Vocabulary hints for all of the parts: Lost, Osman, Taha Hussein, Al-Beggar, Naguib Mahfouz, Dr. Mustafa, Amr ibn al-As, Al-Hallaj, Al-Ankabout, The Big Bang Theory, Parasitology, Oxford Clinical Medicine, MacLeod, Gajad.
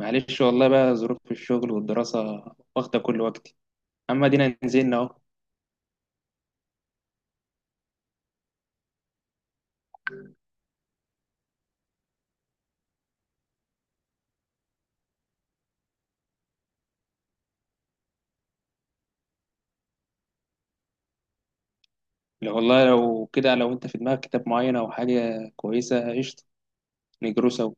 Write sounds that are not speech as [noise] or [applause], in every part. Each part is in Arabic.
معلش والله بقى، ظروف الشغل والدراسة واخدة كل وقتي. أما دينا نزلنا أهو. لو والله لو كده، لو أنت في دماغك كتاب معين أو حاجة كويسة قشطة، نجرو سوا.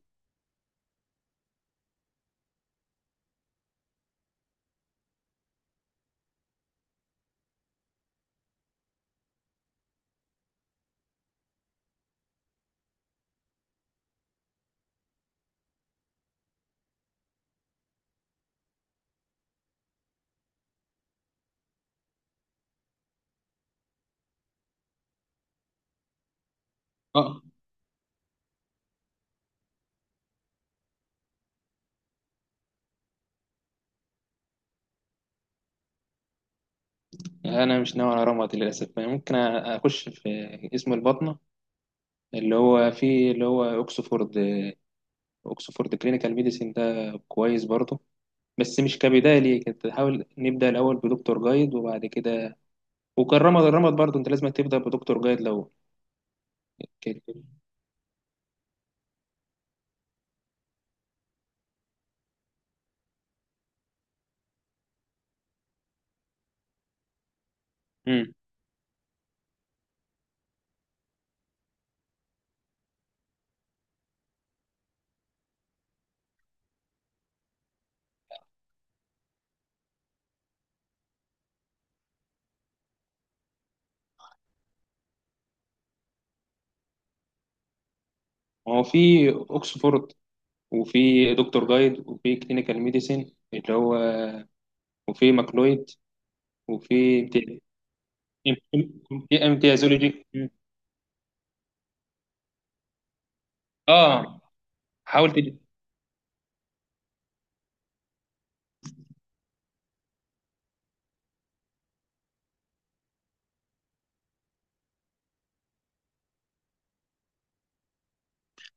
اه، أنا مش ناوي على رمض للأسف. أنا ممكن أخش في اسم البطنة اللي هو فيه، اللي هو أوكسفورد. أوكسفورد كلينيكال ميديسين ده كويس برضه، بس مش كبداية. ليه كنت حاول نبدأ الأول بدكتور جايد وبعد كده. وكان رمض، الرمض برضه أنت لازم تبدأ بدكتور جايد لو كده. امم هو في أوكسفورد، وفي دكتور جايد، وفي كلينيكال ميديسين اللي هو، وفي ماكلويد، وفي في امتيازولوجي. اه، حاول تجيب.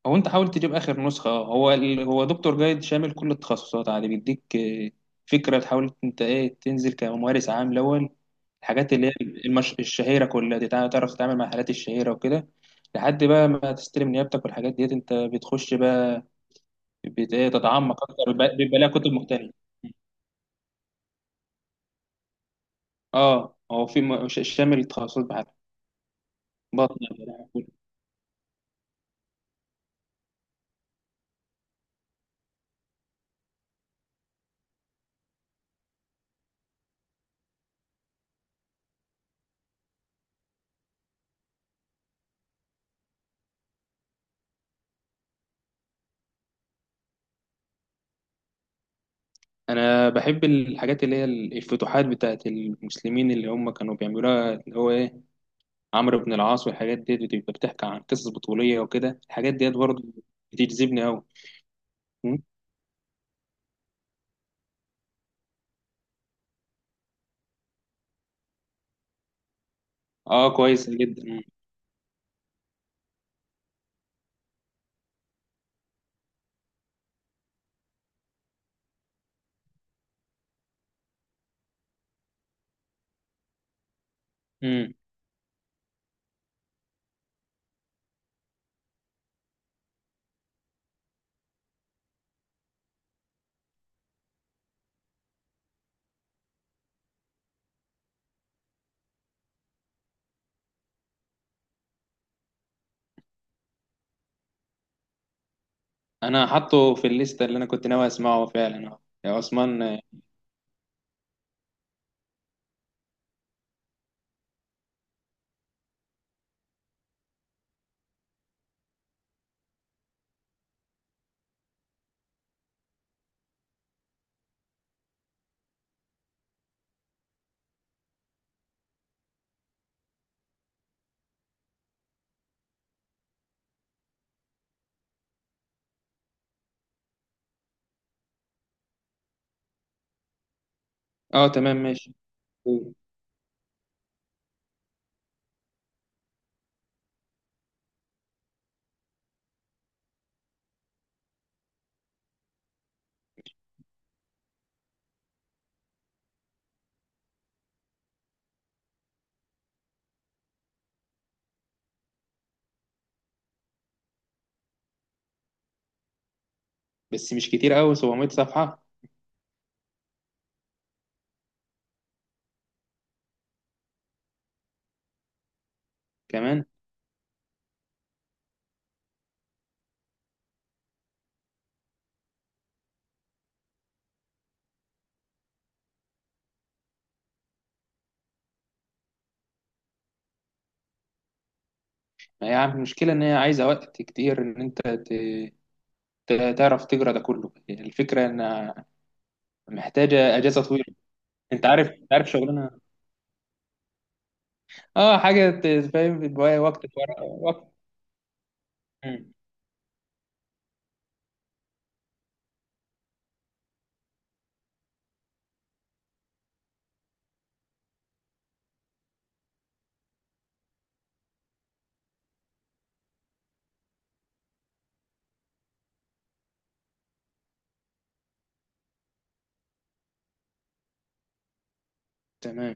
هو انت حاول تجيب اخر نسخه. هو هو دكتور جايد شامل كل التخصصات عادي، بيديك فكره. تحاول انت تنزل كممارس عام الاول. الحاجات اللي هي الشهيره كلها دي، تعرف تتعامل مع الحالات الشهيره وكده، لحد بقى ما تستلم نيابتك. والحاجات ديت انت بتخش بقى بت... إيه، تتعمق اكتر، بيبقى لها كتب مختلفه. اه، هو في شامل التخصصات بحالها. بطن جراحة كله. انا بحب الحاجات اللي هي الفتوحات بتاعت المسلمين اللي هم كانوا بيعملوها، اللي هو ايه، عمرو بن العاص. والحاجات دي بتبقى بتحكي عن قصص بطولية وكده. الحاجات ديت برضه بتجذبني قوي. اه كويس جدا. مم. مم. انا حاطه في الليستة اللي انا كنت ناوي اسمعه فعلا. اه، يا عثمان، اه. تمام، ماشي. بس مش كتير قوي 700 صفحة كمان. ما هي المشكلة ان هي عايزة وقت كتير، ان انت تعرف تجرى ده كله. الفكرة إنها محتاجة أجازة طويلة. أنت عارف، أنت عارف شغلنا. أه، حاجة فاهم بتضيع وقت، وقت. مم. تمام.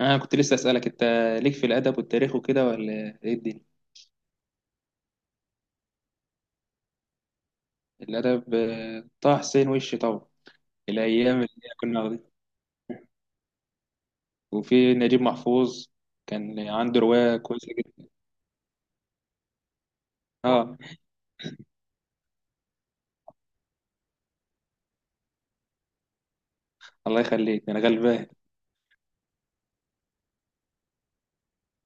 أنا كنت لسه أسألك أنت ليك في الأدب والتاريخ وكده، ولا إيه الدنيا؟ الأدب، طه حسين وش طبعا. الأيام اللي كنا واخدين، وفي نجيب محفوظ كان عنده رواية كويسة جدا. أه. الله يخليك، أنا غلبان.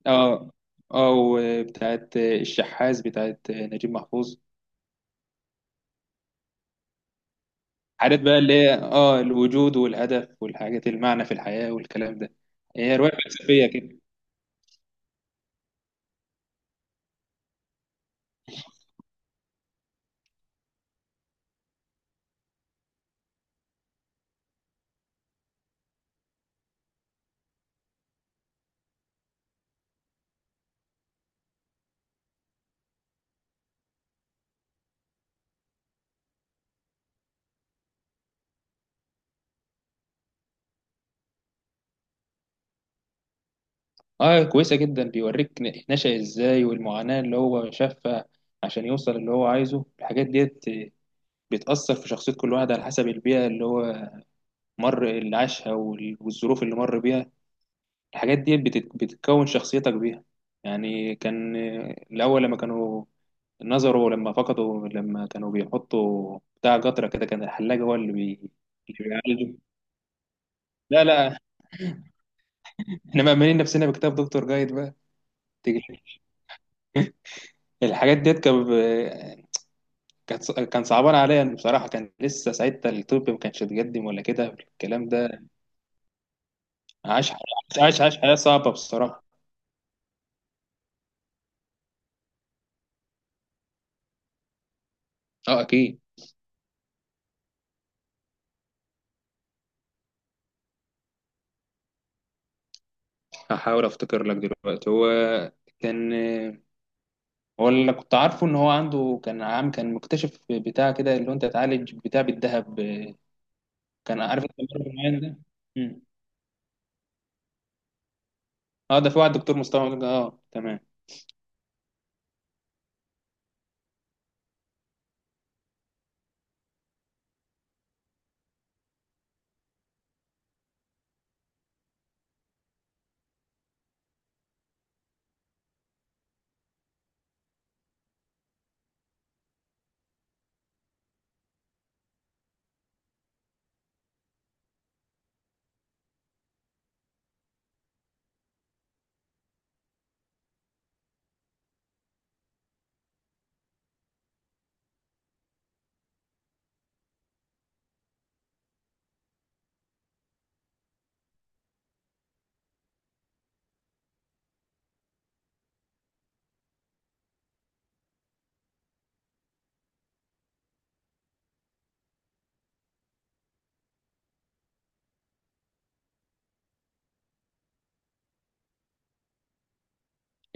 أه. أه، وبتاعت الشحاذ بتاعت نجيب محفوظ. حاجات بقى اللي هي اه، الوجود والهدف والحاجات، المعنى في الحياة والكلام ده. هي رواية فلسفية كده. اه كويسة جدا. بيوريك نشأ ازاي، والمعاناة اللي هو شافها عشان يوصل اللي هو عايزه. الحاجات ديت بتأثر في شخصية كل واحد على حسب البيئة اللي هو مر، اللي عاشها والظروف اللي مر بيها. الحاجات ديت بتكون شخصيتك بيها. يعني كان الأول لما كانوا نظروا، لما فقدوا، لما كانوا بيحطوا بتاع قطرة كده، كان الحلاج هو اللي بيعالج. لا، لا، احنا مأمنين نفسنا بكتاب دكتور جايد بقى. تيجي. [laughs] الحاجات ديت كان، كان صعبان عليا بصراحة. كان لسه ساعتها الطب ما كانش اتقدم ولا كده الكلام ده. عاش، عاش حياة صعبة بصراحة. اه اكيد. هحاول افتكر لك دلوقتي. هو كان، هو اللي كنت عارفه ان هو عنده، كان عام، كان مكتشف بتاع كده اللي هو انت تعالج بتاع بالذهب. كان عارف انت المرض المعين ده. مم. اه، ده في واحد دكتور مصطفى، اه تمام.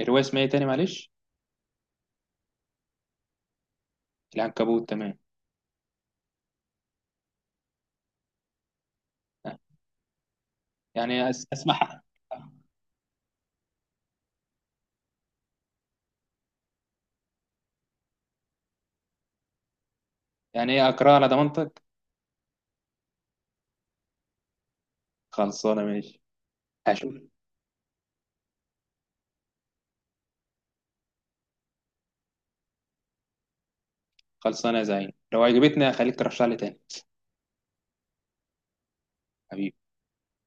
الرواية اسمها ايه تاني، معلش؟ العنكبوت، تمام. يعني اسمع، يعني ايه اكرهها على ضمانتك. خلصانه، ماشي. هشوف. خلصانه يا زعيم، لو عجبتني هخليك ترشح لي تاني. حبيبي.